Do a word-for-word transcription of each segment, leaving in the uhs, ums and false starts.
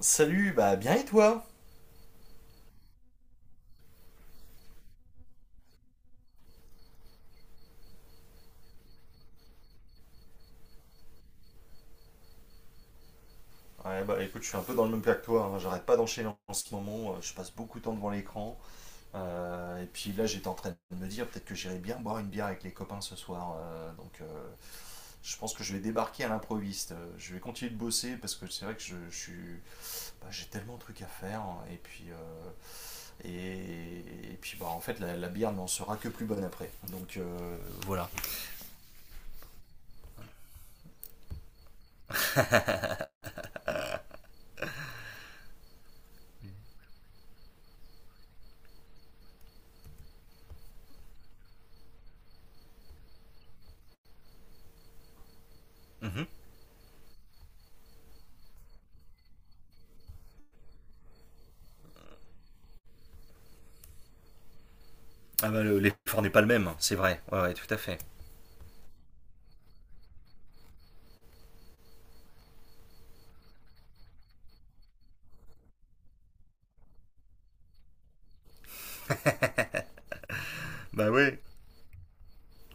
Salut, bah bien et toi? Ouais, bah écoute, je suis un peu dans le même cas que toi, hein. J'arrête pas d'enchaîner en ce moment, euh, je passe beaucoup de temps devant l'écran. Euh, et puis là, j'étais en train de me dire peut-être que j'irai bien boire une bière avec les copains ce soir. euh, donc euh, je pense que je vais débarquer à l'improviste. Euh, je vais continuer de bosser parce que c'est vrai que je, je suis, bah, j'ai tellement de trucs à faire, hein. Et puis, euh, et, et puis bah, en fait, la, la bière n'en sera que plus bonne après. Donc euh, voilà. Mhm. Ah bah le- l'effort n'est pas le même, c'est vrai. Ouais, ouais, tout à fait. Bah oui.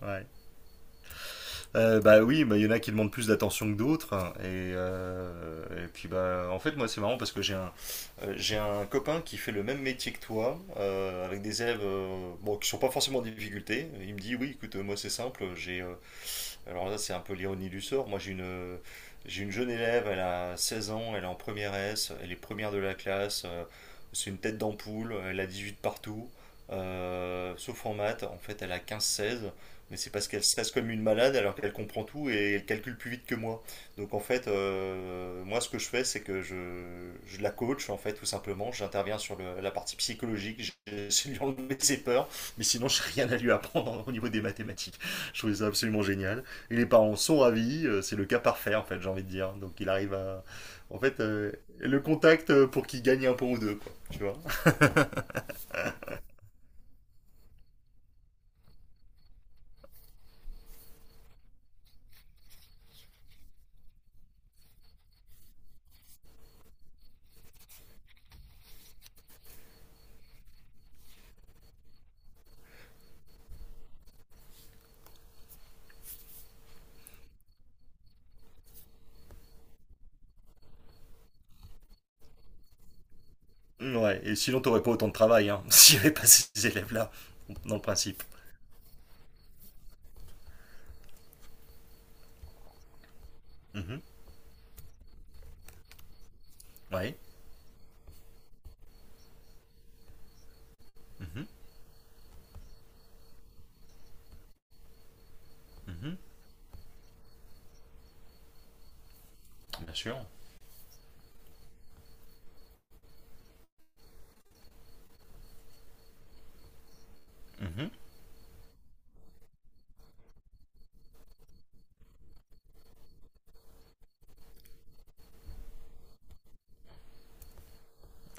Ouais. Euh, bah oui, bah, il y en a qui demandent plus d'attention que d'autres, hein. Et, euh, et puis bah en fait moi c'est marrant parce que j'ai un euh, j'ai un copain qui fait le même métier que toi, euh, avec des élèves euh, bon, qui sont pas forcément en difficulté. Il me dit oui écoute euh, moi c'est simple, j'ai euh, alors là c'est un peu l'ironie du sort, moi j'ai une euh, j'ai une jeune élève, elle a seize ans, elle est en première S, elle est première de la classe, euh, c'est une tête d'ampoule, elle a dix-huit partout, euh, sauf en maths, en fait elle a quinze seize. Mais c'est parce qu'elle stresse comme une malade alors qu'elle comprend tout et elle calcule plus vite que moi. Donc en fait, euh, moi ce que je fais, c'est que je, je la coach en fait tout simplement. J'interviens sur le- la partie psychologique, j'essaie de lui enlever ses peurs, mais sinon je n'ai rien à lui apprendre au niveau des mathématiques. Je trouve ça absolument génial. Et les parents sont ravis, euh, c'est le cas parfait en fait, j'ai envie de dire. Donc il arrive à… En fait, euh, le contact euh, pour qu'il gagne un point ou deux, quoi, tu vois. Ouais, et sinon t'aurais pas autant de travail hein, s'il n'y avait pas ces élèves-là, dans le principe. Mhm. Ouais. Mhm, mhm. Bien sûr. Mhm.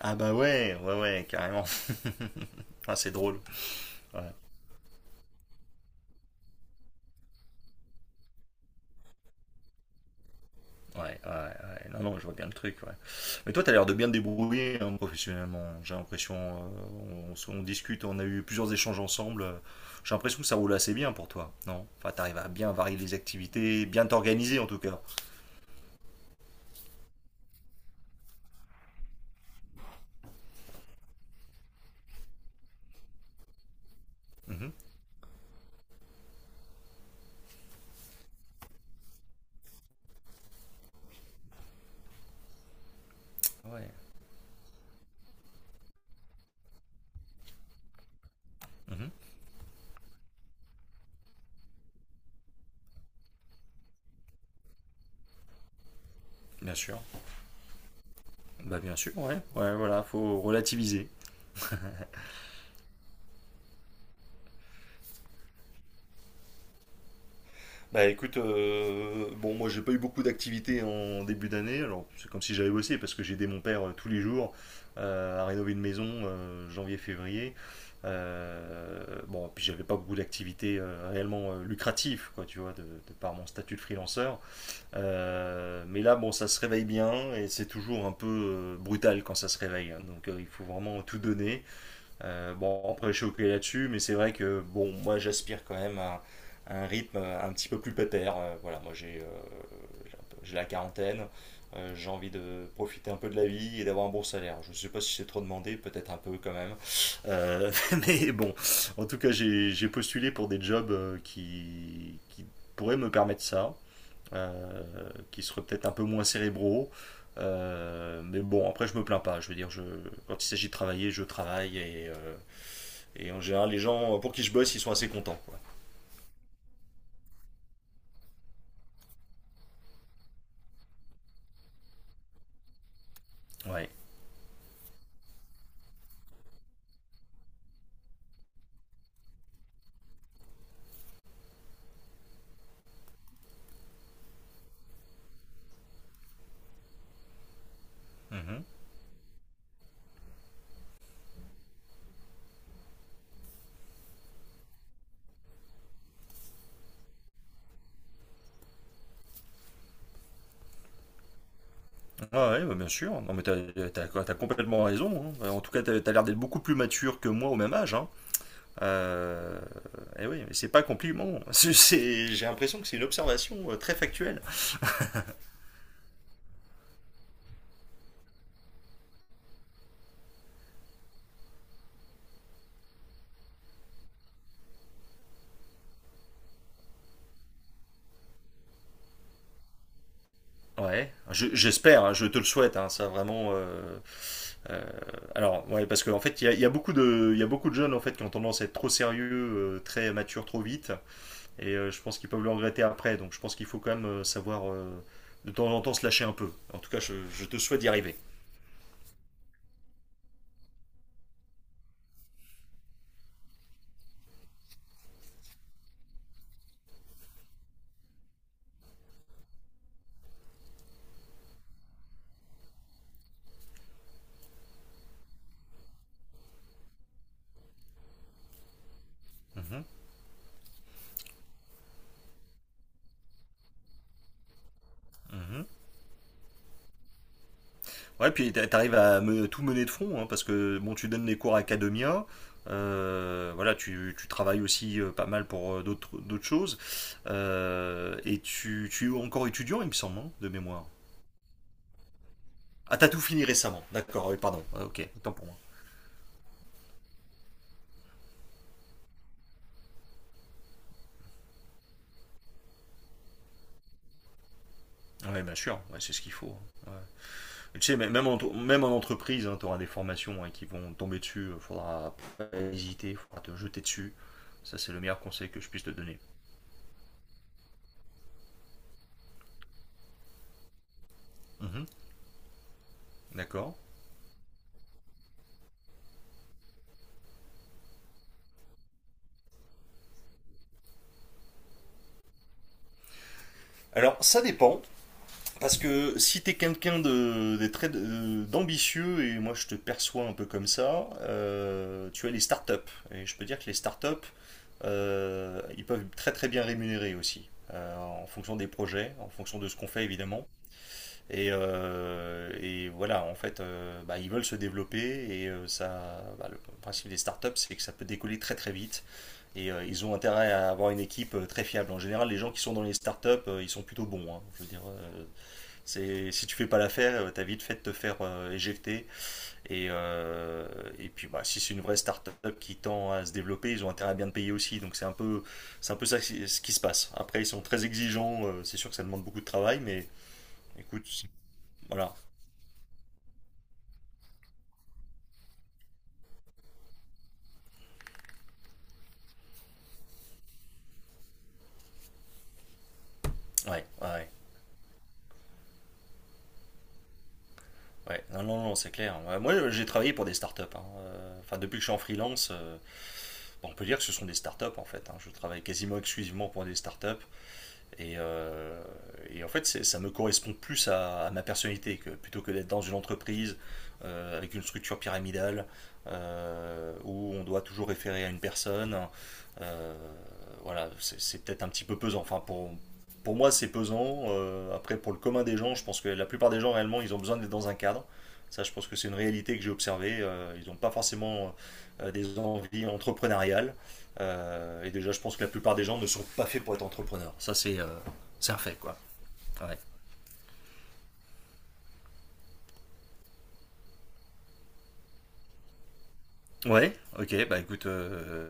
Ah bah ouais, ouais, ouais, carrément. Ah, c'est drôle. Ouais, ouais, ouais, ouais. Non, non, je vois bien le truc. Ouais. Mais toi, t'as l'air de bien te débrouiller hein, professionnellement. J'ai l'impression, euh, on, s- on discute, on a eu plusieurs échanges ensemble. euh, J'ai l'impression que ça roule assez bien pour toi, non? Enfin, t'arrives à bien varier les activités, bien t'organiser en tout cas. Mhm. Ouais. Mhm. Bien sûr. Bah bien sûr, ouais. Ouais, voilà, faut relativiser. Bah écoute, euh, bon moi j'ai pas eu beaucoup d'activités en début d'année, alors c'est comme si j'avais bossé parce que j'ai aidé mon père euh, tous les jours euh, à rénover une maison euh, janvier-février. Euh, bon, puis j'avais pas beaucoup d'activités euh, réellement euh, lucratives, quoi, tu vois, de, de par mon statut de freelanceur. Euh, mais là, bon, ça se réveille bien et c'est toujours un peu euh, brutal quand ça se réveille, hein. donc euh, il faut vraiment tout donner euh, bon, après, je suis OK là-dessus, mais c'est vrai que, bon, moi, j'aspire quand même à, à un rythme un petit peu plus pépère. Euh, voilà, moi, j'ai euh, j'ai un peu- j'ai la quarantaine, euh, j'ai envie de profiter un peu de la vie et d'avoir un bon salaire. Je ne sais pas si c'est trop demandé, peut-être un peu quand même. Euh, mais bon, en tout cas, j'ai j'ai postulé pour des jobs euh, qui, qui pourraient me permettre ça, euh, qui seraient peut-être un peu moins cérébraux. Euh, mais bon, après, je me plains pas. Je veux dire, je, quand il s'agit de travailler, je travaille et euh, et en général, les gens pour qui je bosse, ils sont assez contents, quoi. Ouais. Mhm. Ah ouais, bah bien sûr. Non, mais t'as, t'as- t'as complètement raison, hein. En tout cas, t'as, t'as l'air d'être beaucoup plus mature que moi au même âge, hein. Euh, eh oui, mais c'est pas un compliment. C'est, c'est- j'ai l'impression que c'est une observation euh, très factuelle. Ouais, je- j'espère, hein, je te le souhaite, hein, ça vraiment. euh, euh, alors, ouais, parce qu'en fait, il y a, il y a beaucoup de, il y a beaucoup de jeunes en fait qui ont tendance à être trop sérieux, euh, très matures trop vite. Et euh, je pense qu'ils peuvent le regretter après. Donc je pense qu'il faut quand même euh, savoir euh, de temps en temps se lâcher un peu. En tout cas, je, je te souhaite d'y arriver. Mhm, mhm. Ouais, puis t'a- t'arrives à me- tout mener de front, hein, parce que bon, tu donnes des cours à Academia, euh, voilà, tu, tu travailles aussi euh, pas mal pour euh, d'autres d'autres choses, euh, et tu, tu es encore étudiant, il me semble, hein, de mémoire. Ah, t'as tout fini récemment, d'accord, oui, pardon. Ah, ok, autant pour moi. Ouais, bien sûr, ouais, c'est ce qu'il faut. Tu sais, même en, même en entreprise, tu auras des formations hein, qui vont tomber dessus. Il faudra pas hésiter, il faudra te jeter dessus. Ça, c'est le meilleur conseil que je puisse te donner. Mhm. D'accord. Alors, ça dépend, parce que si t'es quelqu'un de, de très- de- d'ambitieux, et moi je te perçois un peu comme ça, euh, tu as les startups. Et je peux dire que les startups, euh, ils peuvent être très très bien rémunérés aussi, euh, en fonction des projets, en fonction de ce qu'on fait évidemment. Et, euh, et voilà, en fait, euh, bah, ils veulent se développer et euh, ça, bah, le principe des startups, c'est que ça peut décoller très très vite et euh, ils ont intérêt à avoir une équipe euh, très fiable. En général, les gens qui sont dans les startups, euh, ils sont plutôt bons, hein. Je veux dire, euh, c'est, si tu fais pas l'affaire, euh, t'as vite fait de te faire euh, éjecter. Et, euh, et puis, bah, si c'est une vraie startup qui tend à se développer, ils ont intérêt à bien te payer aussi. Donc c'est un peu, c'est un peu ça qui- ce qui se passe. Après, ils sont très exigeants. euh, c'est sûr que ça demande beaucoup de travail, mais écoute, voilà. Ouais, ouais, ouais. Ouais. Non, non, non, c'est clair. Ouais, moi, j'ai travaillé pour des startups, hein. Euh, Enfin, depuis que je suis en freelance, euh, bon, on peut dire que ce sont des startups en fait, hein. Je travaille quasiment exclusivement pour des startups. Et, euh, et en fait, ça me correspond plus à, à ma personnalité que plutôt que d'être dans une entreprise euh, avec une structure pyramidale euh, où on doit toujours référer à une personne. Euh, voilà, c'est peut-être un petit peu pesant. Enfin, pour, pour moi, c'est pesant. Euh, après, pour le commun des gens, je pense que la plupart des gens, réellement, ils ont besoin d'être dans un cadre. Ça, je pense que c'est une réalité que j'ai observée. Euh, ils n'ont pas forcément euh, des envies entrepreneuriales. Euh, et déjà, je pense que la plupart des gens ne sont pas faits pour être entrepreneurs. Ça, c'est euh, c'est un fait, quoi. Ouais, ouais ok, bah écoute, euh,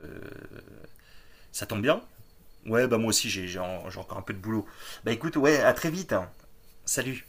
ça tombe bien. Ouais, bah moi aussi, j'ai j'ai en- j'ai encore un peu de boulot. Bah écoute, ouais, à très vite, hein. Salut.